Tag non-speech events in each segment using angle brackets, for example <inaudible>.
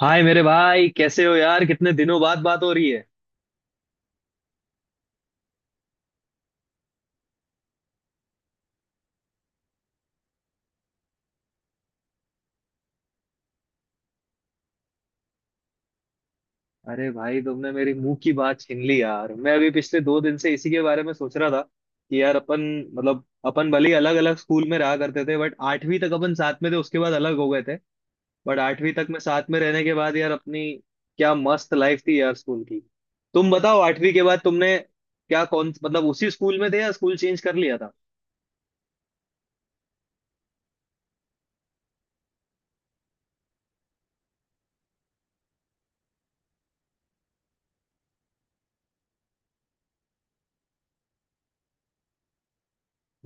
हाय मेरे भाई, कैसे हो यार? कितने दिनों बाद बात हो रही है। अरे भाई, तुमने मेरी मुंह की बात छीन ली यार, मैं अभी पिछले 2 दिन से इसी के बारे में सोच रहा था कि यार अपन, मतलब अपन भले ही अलग अलग स्कूल में रहा करते थे बट आठवीं तक अपन साथ में थे, उसके बाद अलग हो गए थे। बट आठवीं तक में साथ में रहने के बाद यार अपनी क्या मस्त लाइफ थी यार स्कूल की। तुम बताओ आठवीं के बाद तुमने क्या, कौन, मतलब उसी स्कूल में थे या स्कूल चेंज कर लिया था?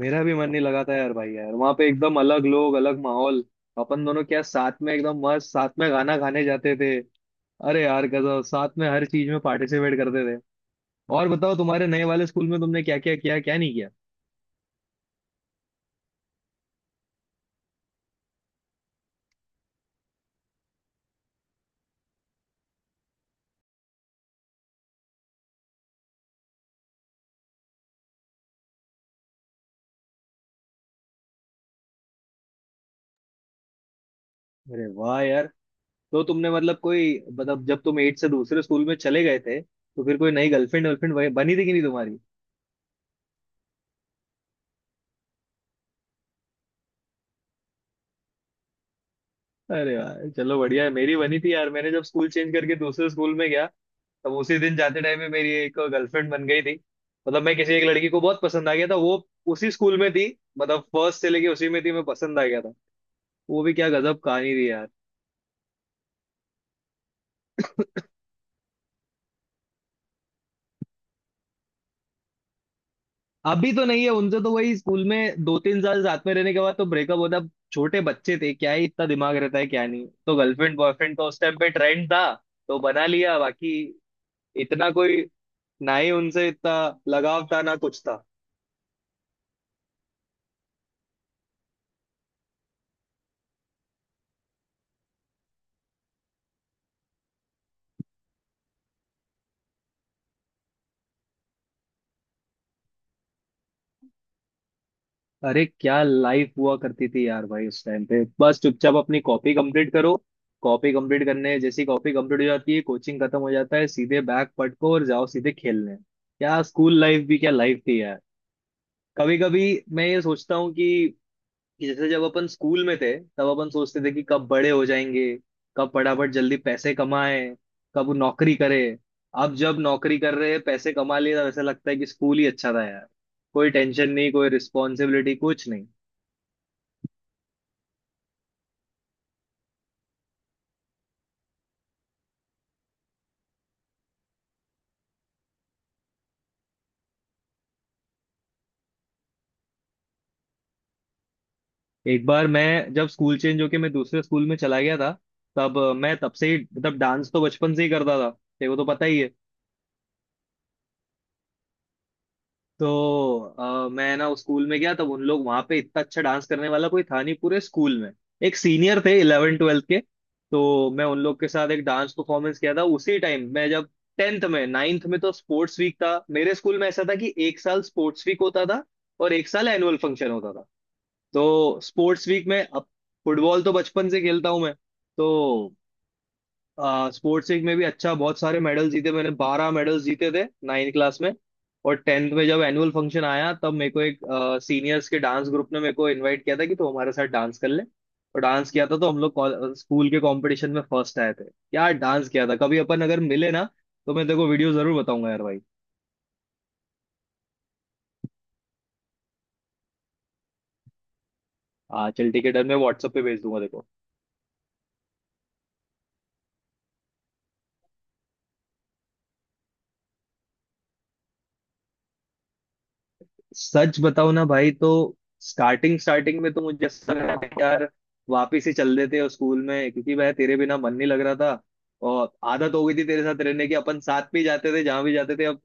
मेरा भी मन नहीं लगा था यार भाई, यार वहां पे एकदम अलग लोग, अलग माहौल। अपन दोनों क्या साथ में एकदम मस्त, साथ में गाना गाने जाते थे। अरे यार गजब, साथ में हर चीज में पार्टिसिपेट करते थे। और बताओ तुम्हारे नए वाले स्कूल में तुमने क्या क्या किया, क्या नहीं किया? अरे वाह यार। तो तुमने मतलब कोई, मतलब जब तुम एट से दूसरे स्कूल में चले गए थे तो फिर कोई नई गर्लफ्रेंड वर्लफ्रेंड बनी थी कि नहीं तुम्हारी? अरे यार चलो बढ़िया है। मेरी बनी थी यार, मैंने जब स्कूल चेंज करके दूसरे स्कूल में गया, तब उसी दिन जाते टाइम में मेरी एक गर्लफ्रेंड बन गई थी। मतलब मैं किसी एक लड़की को बहुत पसंद आ गया था। वो उसी स्कूल में थी, मतलब फर्स्ट से लेके उसी में थी, मैं पसंद आ गया था। वो भी क्या गजब कहानी थी यार। अभी तो नहीं है, उनसे तो वही स्कूल में 2-3 साल साथ में रहने के बाद तो ब्रेकअप होता। अब छोटे बच्चे थे, क्या ही इतना दिमाग रहता है, क्या नहीं, तो गर्लफ्रेंड बॉयफ्रेंड का उस टाइम पे ट्रेंड था तो बना लिया बाकी। इतना कोई, ना ही उनसे इतना लगाव था ना कुछ था। अरे क्या लाइफ हुआ करती थी यार भाई उस टाइम पे, बस चुपचाप अपनी कॉपी कंप्लीट करो। कॉपी कंप्लीट करने जैसी कॉपी कंप्लीट हो जाती है, कोचिंग खत्म हो जाता है, सीधे बैग पटको और जाओ सीधे खेलने। क्या स्कूल लाइफ भी क्या लाइफ थी यार। कभी कभी मैं ये सोचता हूँ कि जैसे जब अपन स्कूल में थे तब अपन सोचते थे कि कब बड़े हो जाएंगे, कब फटाफट जल्दी पैसे कमाए, कब नौकरी करे। अब जब नौकरी कर रहे हैं, पैसे कमा लिए, तब ऐसा लगता है कि स्कूल ही अच्छा था यार। कोई टेंशन नहीं, कोई रिस्पॉन्सिबिलिटी, कुछ नहीं। एक बार मैं जब स्कूल चेंज होके मैं दूसरे स्कूल में चला गया था, तब मैं तब से ही मतलब डांस तो बचपन से ही करता था, तेरे को तो पता ही है। तो मैं ना उस स्कूल में गया तब उन लोग वहां पे इतना अच्छा डांस करने वाला कोई था नहीं पूरे स्कूल में। एक सीनियर थे इलेवन ट्वेल्थ के, तो मैं उन लोग के साथ एक डांस परफॉर्मेंस किया था उसी टाइम। मैं जब टेंथ में नाइन्थ में तो स्पोर्ट्स वीक था, मेरे स्कूल में ऐसा था कि एक साल स्पोर्ट्स वीक होता था और एक साल एनुअल फंक्शन होता था। तो स्पोर्ट्स वीक में, अब फुटबॉल तो बचपन से खेलता हूं मैं, तो स्पोर्ट्स वीक में भी अच्छा बहुत सारे मेडल जीते, मैंने 12 मेडल्स जीते थे नाइन्थ क्लास में। और टेंथ में जब एनुअल फंक्शन आया तब मेरे को एक सीनियर्स के डांस ग्रुप ने मेरे को इनवाइट किया था कि तू हमारे साथ डांस कर ले, और डांस किया था तो हम लोग स्कूल के कंपटीशन में फर्स्ट आए थे। यार डांस किया था, कभी अपन अगर मिले ना तो मैं तेरे को वीडियो जरूर बताऊंगा यार भाई। हाँ चल ठीक है डन, मैं व्हाट्सएप पे भेज दूंगा देखो। सच बताओ ना भाई, तो स्टार्टिंग स्टार्टिंग में तो मुझे ऐसा लग रहा था कि यार वापिस ही चल देते हो स्कूल में, क्योंकि वह तेरे बिना मन नहीं लग रहा था और आदत हो गई थी तेरे साथ रहने की, अपन साथ भी जाते थे जहां भी जाते थे। अब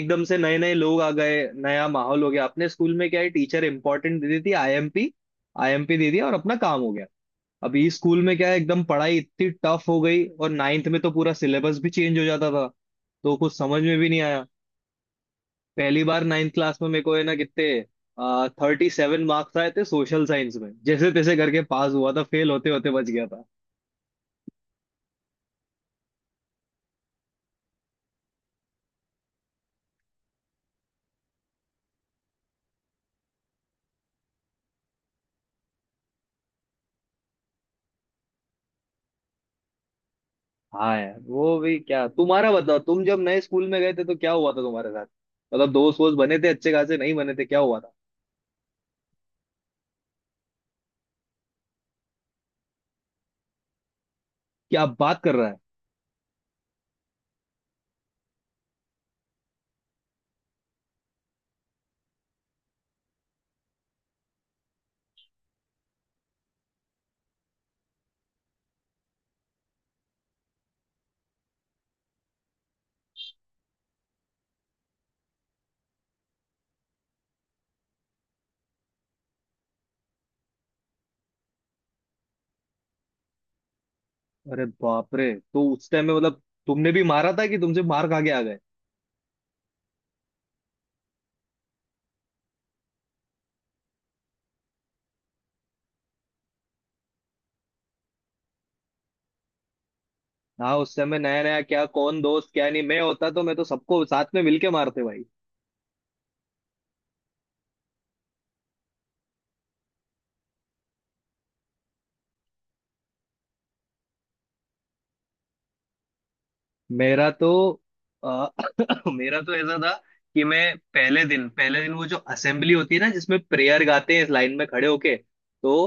एकदम से नए नए लोग आ गए, नया माहौल हो गया, अपने स्कूल में क्या है, टीचर इंपॉर्टेंट दे देती, आईएमपी आईएमपी दे दिया और अपना काम हो गया। अभी स्कूल में क्या है, एकदम पढ़ाई इतनी टफ हो गई और नाइन्थ में तो पूरा सिलेबस भी चेंज हो जाता था, तो कुछ समझ में भी नहीं आया। पहली बार नाइन्थ क्लास में मेरे को है ना कितने, 37 मार्क्स आए थे सोशल साइंस में, जैसे तैसे करके पास हुआ था, फेल होते होते बच गया था। हाँ यार वो भी क्या। तुम्हारा बताओ, तुम जब नए स्कूल में गए थे तो क्या हुआ था तुम्हारे साथ? मतलब दोस्त वोस्त बने थे अच्छे खासे, नहीं बने थे, क्या हुआ था? क्या बात कर रहा है। अरे बाप रे, तो उस टाइम में मतलब तुमने भी मारा था कि तुमसे मार खा के आ गए? हाँ उस समय नया नया क्या कौन दोस्त क्या नहीं, मैं होता तो मैं तो सबको साथ में मिलके मारते भाई। मेरा तो मेरा तो ऐसा था कि मैं पहले दिन, पहले दिन वो जो असेंबली होती है ना, जिसमें प्रेयर गाते हैं, इस लाइन में खड़े होके, तो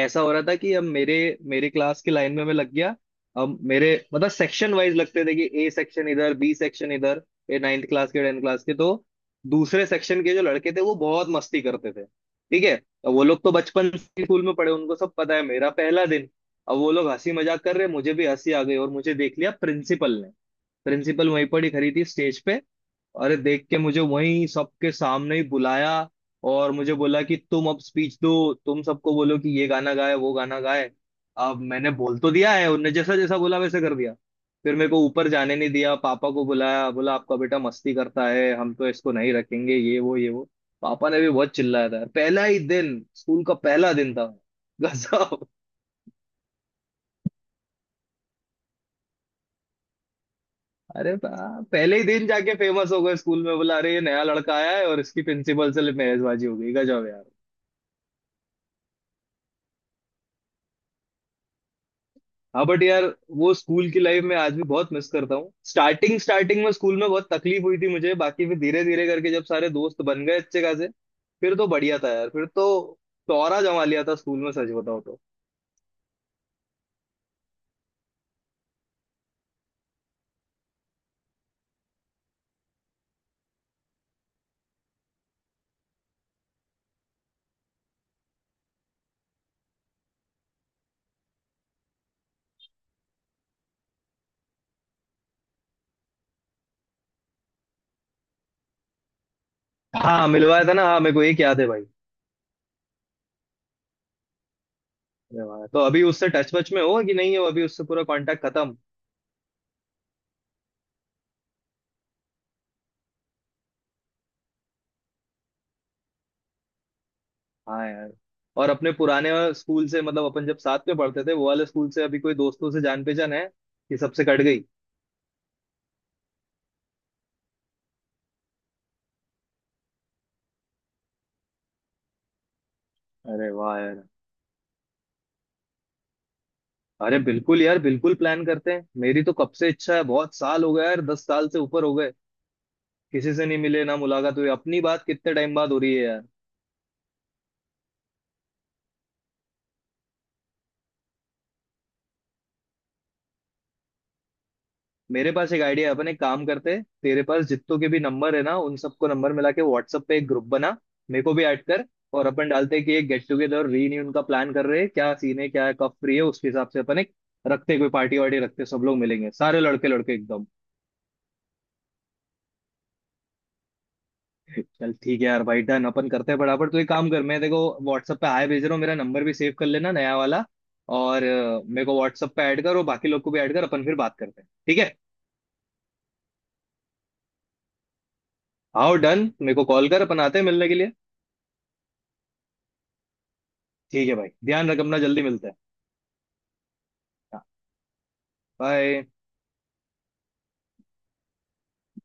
ऐसा हो रहा था कि अब मेरे मेरे क्लास की लाइन में मैं लग गया। अब मेरे मतलब सेक्शन वाइज लगते थे कि ए सेक्शन इधर, बी सेक्शन इधर, ये नाइन्थ क्लास के, टेंथ क्लास के। तो दूसरे सेक्शन के जो लड़के थे वो बहुत मस्ती करते थे, ठीक है, अब वो लोग तो बचपन से स्कूल में पढ़े, उनको सब पता है, मेरा पहला दिन। अब वो लोग हंसी मजाक कर रहे, मुझे भी हंसी आ गई और मुझे देख लिया प्रिंसिपल ने। प्रिंसिपल वहीं पर ही खड़ी थी स्टेज पे, अरे देख के मुझे वहीं सबके सामने ही बुलाया और मुझे बोला कि तुम अब स्पीच दो, तुम सबको बोलो कि ये गाना गाए वो गाना गाए। अब मैंने बोल तो दिया है, उनने जैसा जैसा बोला वैसे कर दिया। फिर मेरे को ऊपर जाने नहीं दिया, पापा को बुलाया, बोला आपका बेटा मस्ती करता है, हम तो इसको नहीं रखेंगे, ये वो ये वो। पापा ने भी बहुत चिल्लाया था, पहला ही दिन, स्कूल का पहला दिन था। <laughs> गजब। अरे पहले ही दिन जाके फेमस हो गए स्कूल में, बोला अरे ये नया लड़का आया है और इसकी प्रिंसिपल से मेहजबाजी हो गई, गजब यार। हाँ बट यार वो स्कूल की लाइफ में आज भी बहुत मिस करता हूँ। स्टार्टिंग स्टार्टिंग में स्कूल में बहुत तकलीफ हुई थी मुझे, बाकी फिर धीरे धीरे करके जब सारे दोस्त बन गए अच्छे खासे, फिर तो बढ़िया था यार, फिर तो तौरा जमा लिया था स्कूल में, सच बताओ तो। हाँ मिलवाया था ना, हाँ मेरे को एक याद है भाई मिलवाया। तो अभी उससे टच वच में हो कि नहीं हो, अभी उससे पूरा कांटेक्ट खत्म? हाँ यार, और अपने पुराने स्कूल से मतलब अपन जब साथ में पढ़ते थे वो वाले स्कूल से अभी कोई दोस्तों से जान पहचान है कि सबसे कट गई? अरे वाह यार। अरे बिल्कुल यार, बिल्कुल प्लान करते हैं, मेरी तो कब से इच्छा है, बहुत साल हो गए यार, 10 साल से ऊपर हो गए, किसी से नहीं मिले ना मुलाकात हुई। अपनी बात कितने टाइम बाद हो रही है यार। मेरे पास एक आइडिया है, अपन एक काम करते हैं, तेरे पास जितनों के भी नंबर है ना, उन सबको नंबर मिला के व्हाट्सएप पे एक ग्रुप बना, मेरे को भी ऐड कर। और अपन डालते हैं कि एक गेट टुगेदर रीयूनियन का प्लान कर रहे हैं, क्या सीन है क्या है, कब फ्री है, उसके हिसाब से अपन एक रखते हैं, कोई पार्टी वार्टी रखते हैं, सब लोग मिलेंगे सारे लड़के लड़के एकदम। चल ठीक है यार भाई डन, अपन करते हैं बराबर। तो एक काम कर, मैं देखो व्हाट्सअप पे हाय भेज रहा हूँ, मेरा नंबर भी सेव कर लेना नया वाला। और मेरे को व्हाट्सअप पे ऐड कर और बाकी लोग को भी ऐड कर, अपन फिर बात करते हैं ठीक है। आओ डन, मेरे को कॉल कर, अपन आते हैं मिलने के लिए। ठीक है भाई, ध्यान रख अपना, जल्दी मिलते हैं। बाय।